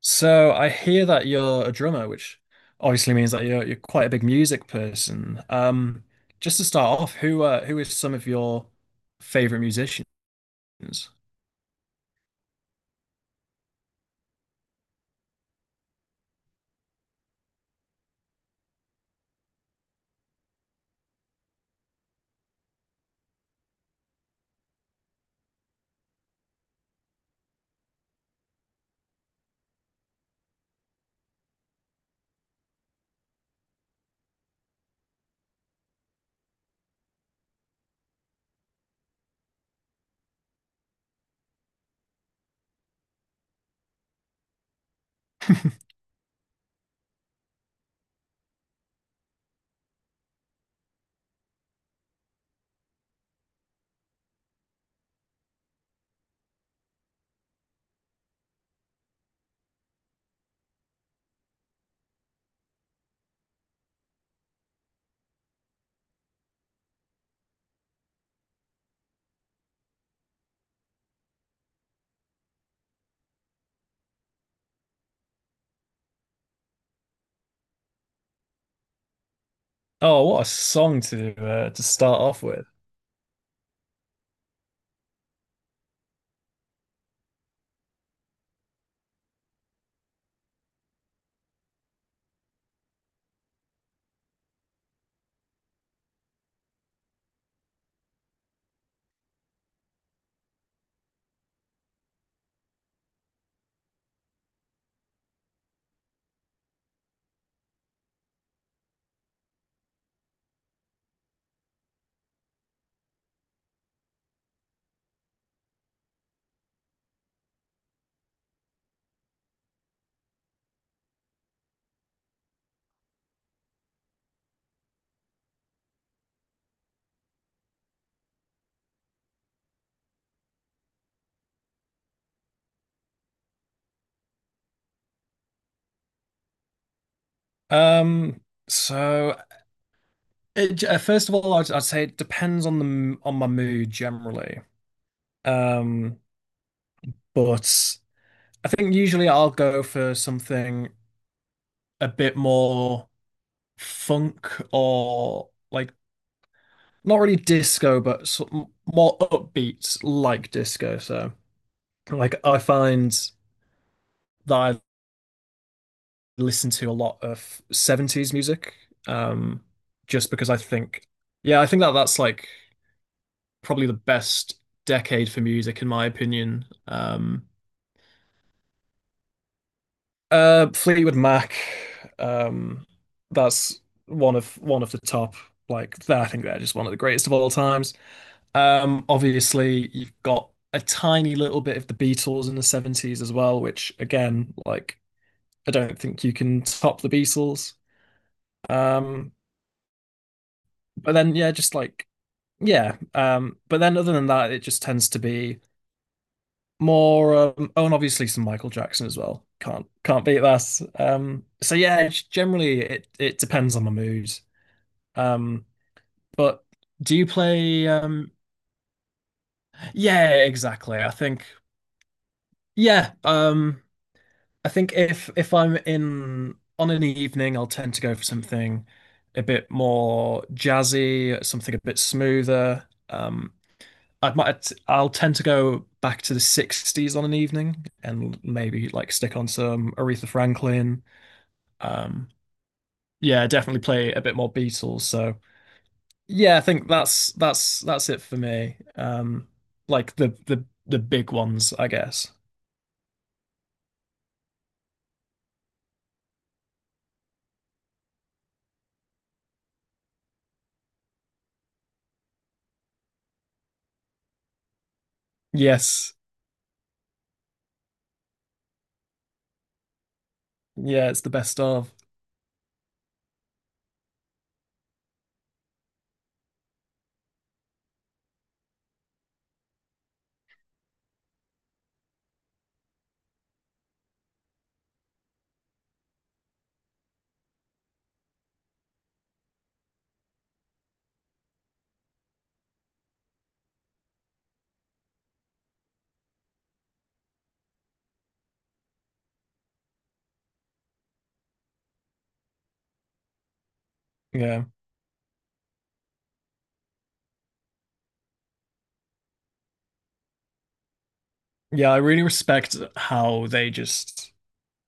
So I hear that you're a drummer, which obviously means that you're quite a big music person. Just to start off, who is some of your favorite musicians? Oh, what a song to start off with. Um, so First of all, I'd say it depends on on my mood generally. Um, but I think usually I'll go for something a bit more funk, or like, not really disco, but sort of more upbeat like disco. So like I find that I listen to a lot of 70s music, um, just because I think, yeah, I think that that's like probably the best decade for music in my opinion. Fleetwood Mac. Um, that's one of the top. Like, I think they're just one of the greatest of all times. Obviously, you've got a tiny little bit of the Beatles in the 70s as well, which again, like, I don't think you can top the Beatles. Um, but then, yeah, just like, yeah. But then, other than that, it just tends to be more oh, and obviously some Michael Jackson as well. Can't beat that. So yeah, generally it depends on my mood. Um but do you play yeah, exactly. I think yeah, I think if I'm in on an evening, I'll tend to go for something a bit more jazzy, something a bit smoother. I'll tend to go back to the 60s on an evening and maybe like stick on some Aretha Franklin. Um yeah, definitely play a bit more Beatles. So yeah, I think that's it for me. Like the big ones, I guess. Yes. Yeah, it's the best of. Yeah. Yeah, I really respect how they just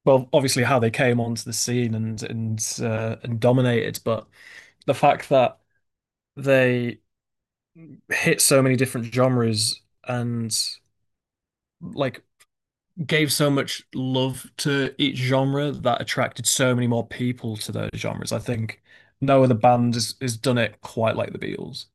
well, obviously how they came onto the scene and and dominated, but the fact that they hit so many different genres and like gave so much love to each genre that attracted so many more people to those genres. I think no other band has done it quite like the Beatles.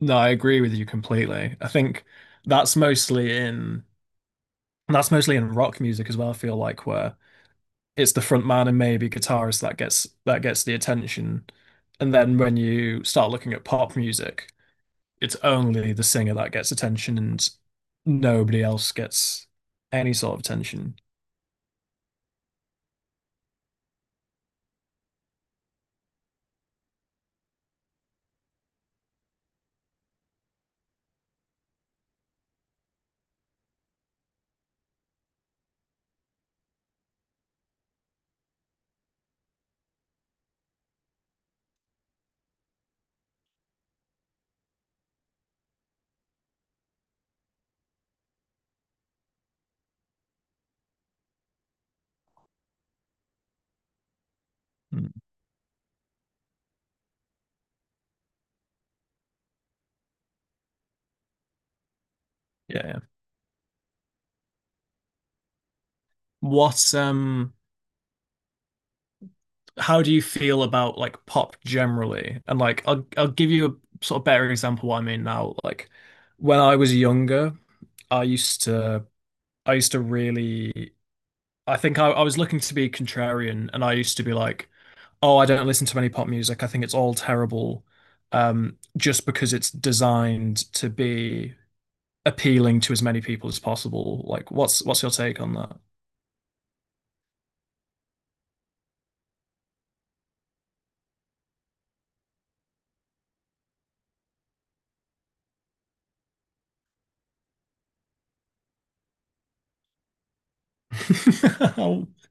No, I agree with you completely. I think that's mostly in that's mostly in rock music as well, I feel like, where it's the front man and maybe guitarist that gets the attention. And then when you start looking at pop music, it's only the singer that gets attention, and nobody else gets any sort of attention. Hmm. Yeah, yeah. What how do you feel about like pop generally? And like I'll give you a sort of better example of what I mean now. Like when I was younger, I used to I used to really I think I was looking to be contrarian, and I used to be like, oh, I don't listen to any pop music. I think it's all terrible. Just because it's designed to be appealing to as many people as possible. Like, what's your take on that?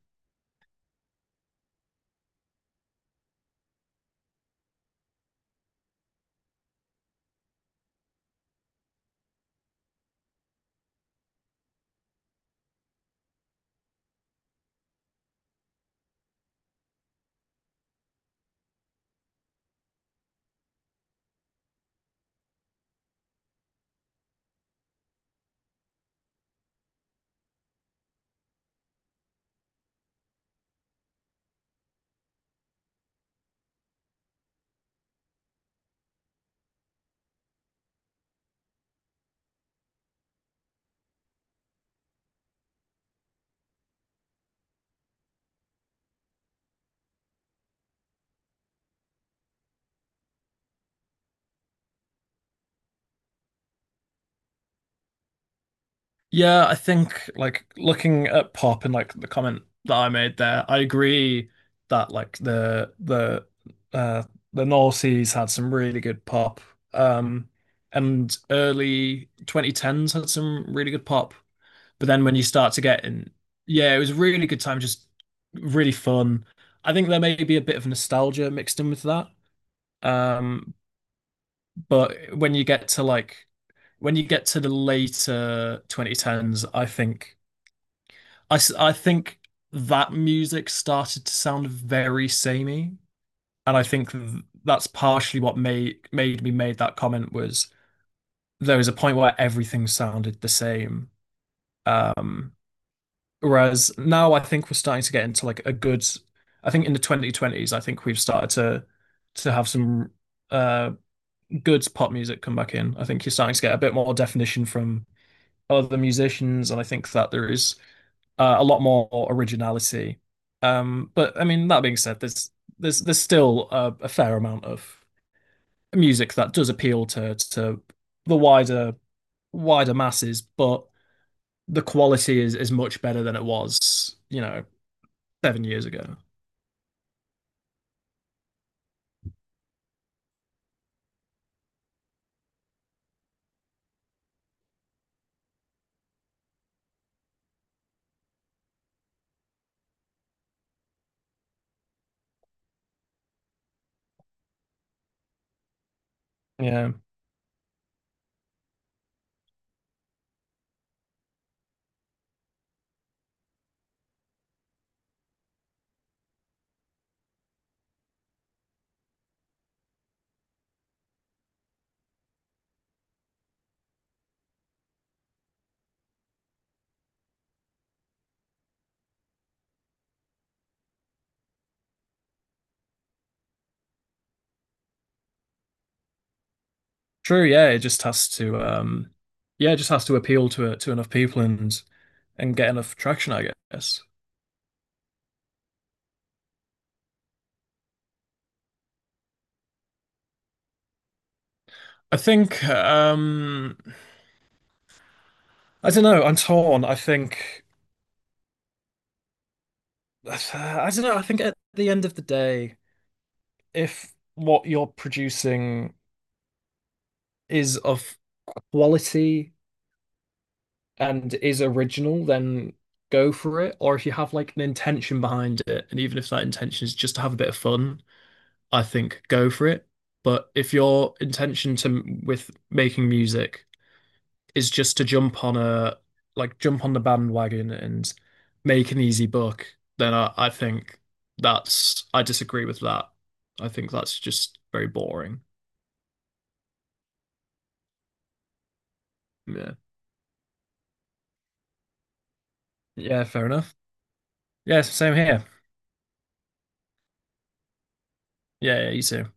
yeah, I think, like, looking at pop and like the comment that I made there, I agree that like uh the noughties had some really good pop. Um, and early 2010s had some really good pop. But then when you start to get in, Yeah, it was a really good time, just really fun. I think there may be a bit of nostalgia mixed in with that. Um, But when you get to like when you get to the later 2010s, I think I think that music started to sound very samey, and I think that's partially what made made me made that comment. Was there was a point where everything sounded the same. Um, whereas now I think we're starting to get into like a good, I think in the 2020s, I think we've started to have some uh good pop music come back in. I think you're starting to get a bit more definition from other musicians, and I think that there is a lot more originality. But I mean, that being said, there's there's still a fair amount of music that does appeal to the wider masses, but the quality is much better than it was, you know, 7 years ago. Yeah, true. Yeah, it just has to, yeah, it just has to appeal to enough people and get enough traction, I guess. I think, I don't know. I'm torn. I think, I don't know. I think at the end of the day, if what you're producing is of quality and is original, then go for it. Or if you have like an intention behind it, and even if that intention is just to have a bit of fun, I think go for it. But if your intention to with making music is just to jump on a, like, jump on the bandwagon and make an easy buck, then I think that's, I disagree with that. I think that's just very boring. Yeah. Yeah, fair enough. Yes, same here. Yeah, yeah, you too.